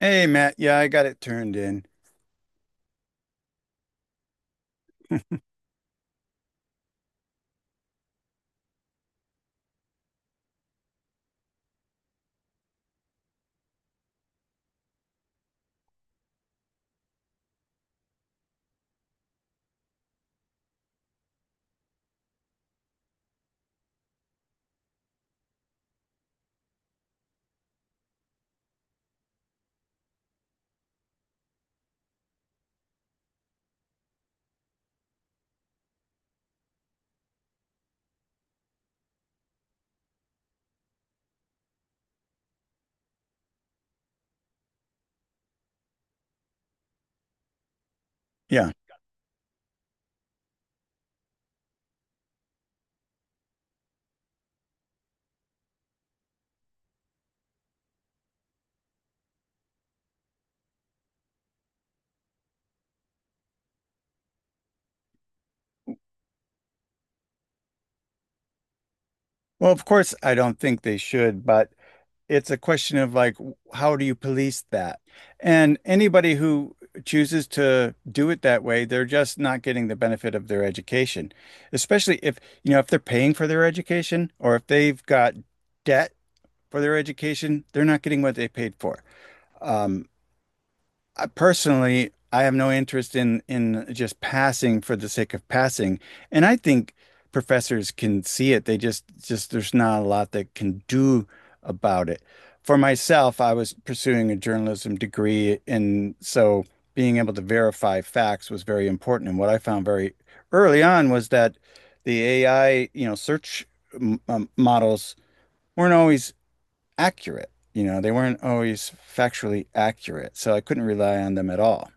Hey, Matt. Yeah, I got it turned in. Yeah. Well, of course, I don't think they should, but it's a question of like, how do you police that? And anybody who chooses to do it that way, they're just not getting the benefit of their education, especially if, you know, if they're paying for their education or if they've got debt for their education, they're not getting what they paid for. Um, I personally, I have no interest in just passing for the sake of passing. And I think professors can see it. They just there's not a lot that can do about it. For myself, I was pursuing a journalism degree, and so being able to verify facts was very important. And what I found very early on was that the AI, you know, search models weren't always accurate. You know, they weren't always factually accurate, so I couldn't rely on them at all.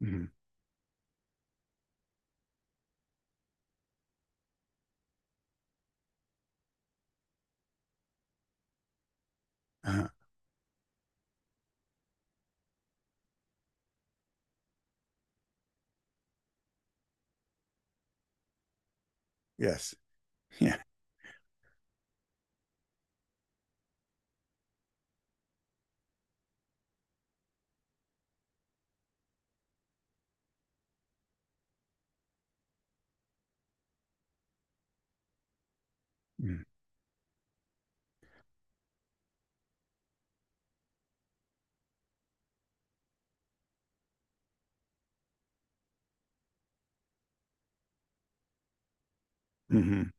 Mhm. Uh-huh. Yes. Yeah. Mm. Mhm.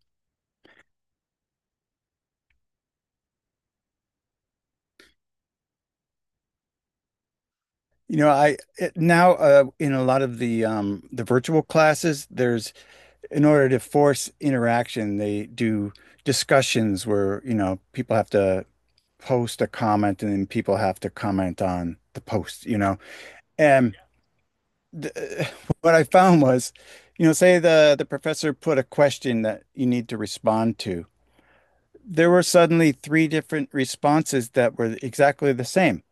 You know, I it, now in a lot of the virtual classes, there's in order to force interaction, they do discussions where, you know, people have to post a comment and then people have to comment on the post, you know. And th- what I found was, you know, say the professor put a question that you need to respond to. There were suddenly three different responses that were exactly the same.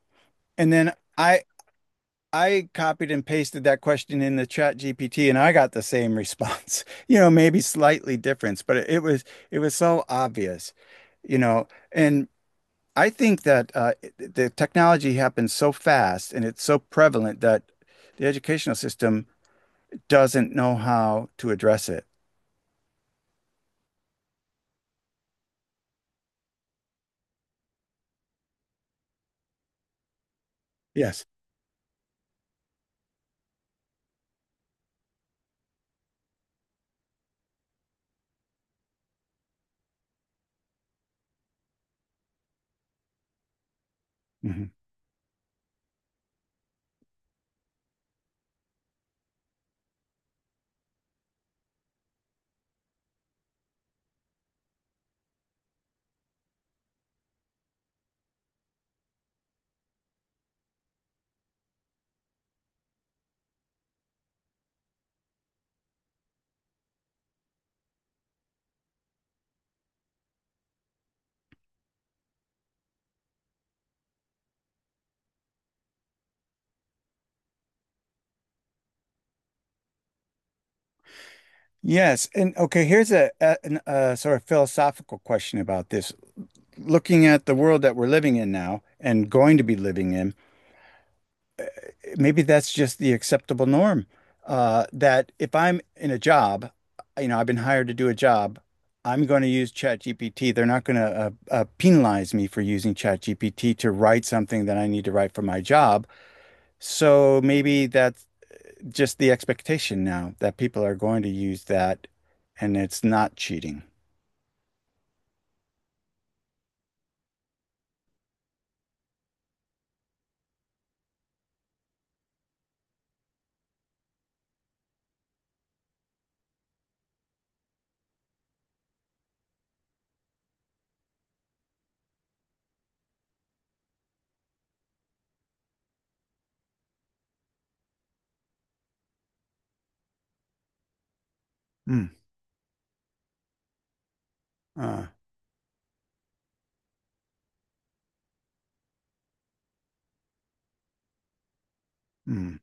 And then I copied and pasted that question in the chat GPT and I got the same response. You know, maybe slightly different, but it was so obvious, you know. And I think that the technology happens so fast and it's so prevalent that the educational system doesn't know how to address it. Yes. Mhm. Yes. And okay, here's a sort of philosophical question about this. Looking at the world that we're living in now and going to be living in, maybe that's just the acceptable norm. That if I'm in a job, you know, I've been hired to do a job, I'm going to use ChatGPT. They're not going to penalize me for using ChatGPT to write something that I need to write for my job. So maybe that's just the expectation now that people are going to use that and it's not cheating. Hmm. Uh, hmm.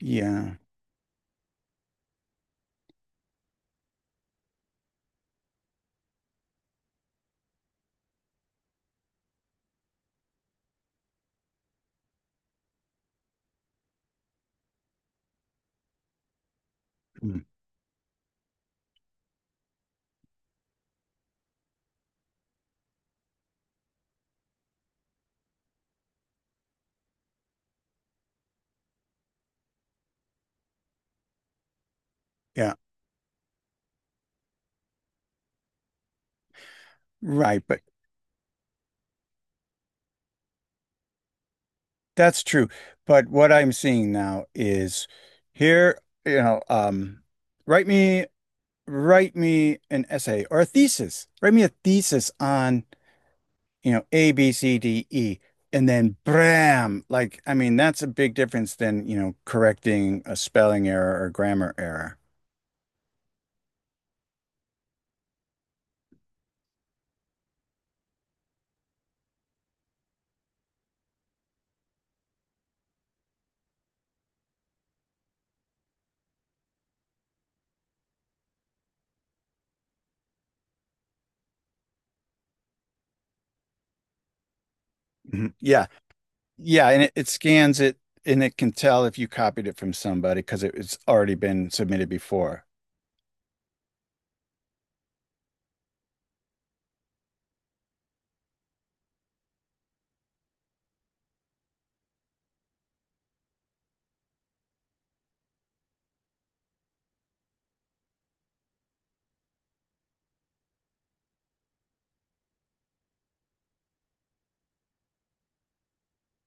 Yeah. Hmm. Yeah. Right. But that's true. But what I'm seeing now is here, you know, write me write me an essay or a thesis. Write me a thesis on, you know, A, B, C, D, E, and then bram. Like, I mean, that's a big difference than, you know, correcting a spelling error or grammar error. Mhm. Yeah. Yeah, and it scans it and it can tell if you copied it from somebody because it's already been submitted before.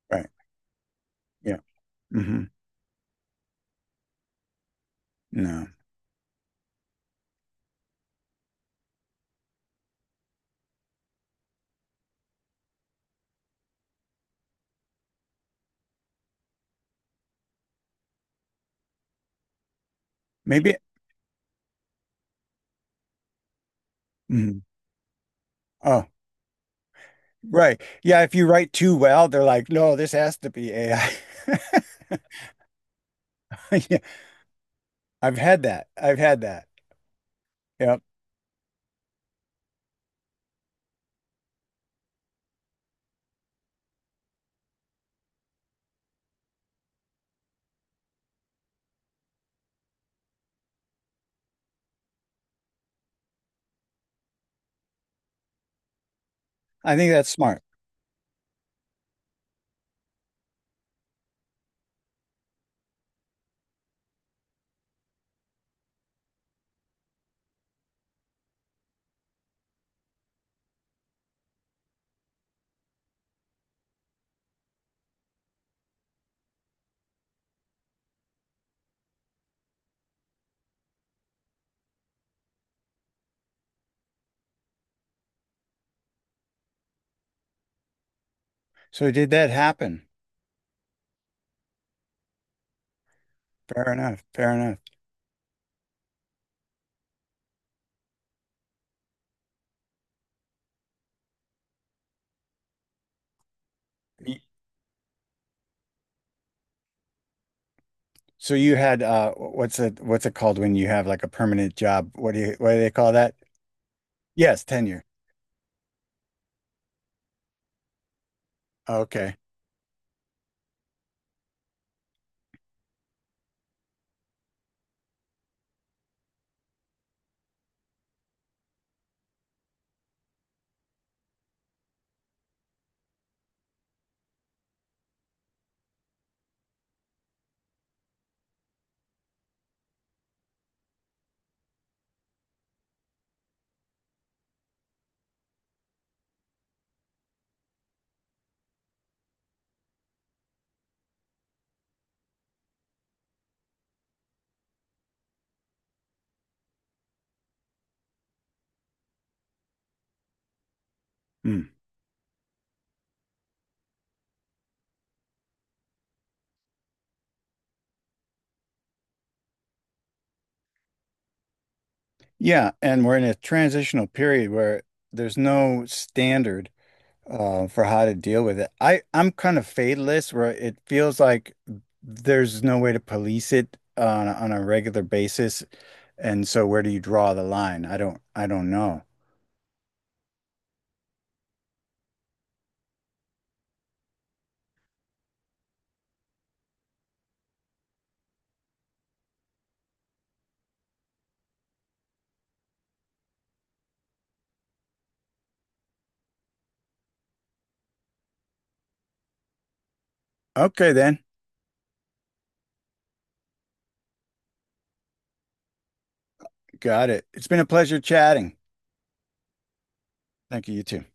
Right. Yeah. Hmm. No. Maybe. Mhm. Oh, right. Yeah, if you write too well, they're like, no, this has to be AI. Yeah, I've had that. I've had that. Yep. I think that's smart. So did that happen? Fair enough. Fair enough. Y- So you had what's it called when you have like a permanent job? What do they call that? Yes, tenure. Okay. Hmm. Yeah, and we're in a transitional period where there's no standard for how to deal with it. I'm kind of fatalist where it feels like there's no way to police it on on a regular basis, and so where do you draw the line? I don't know. Okay then, got it. It's been a pleasure chatting. Thank you, you too.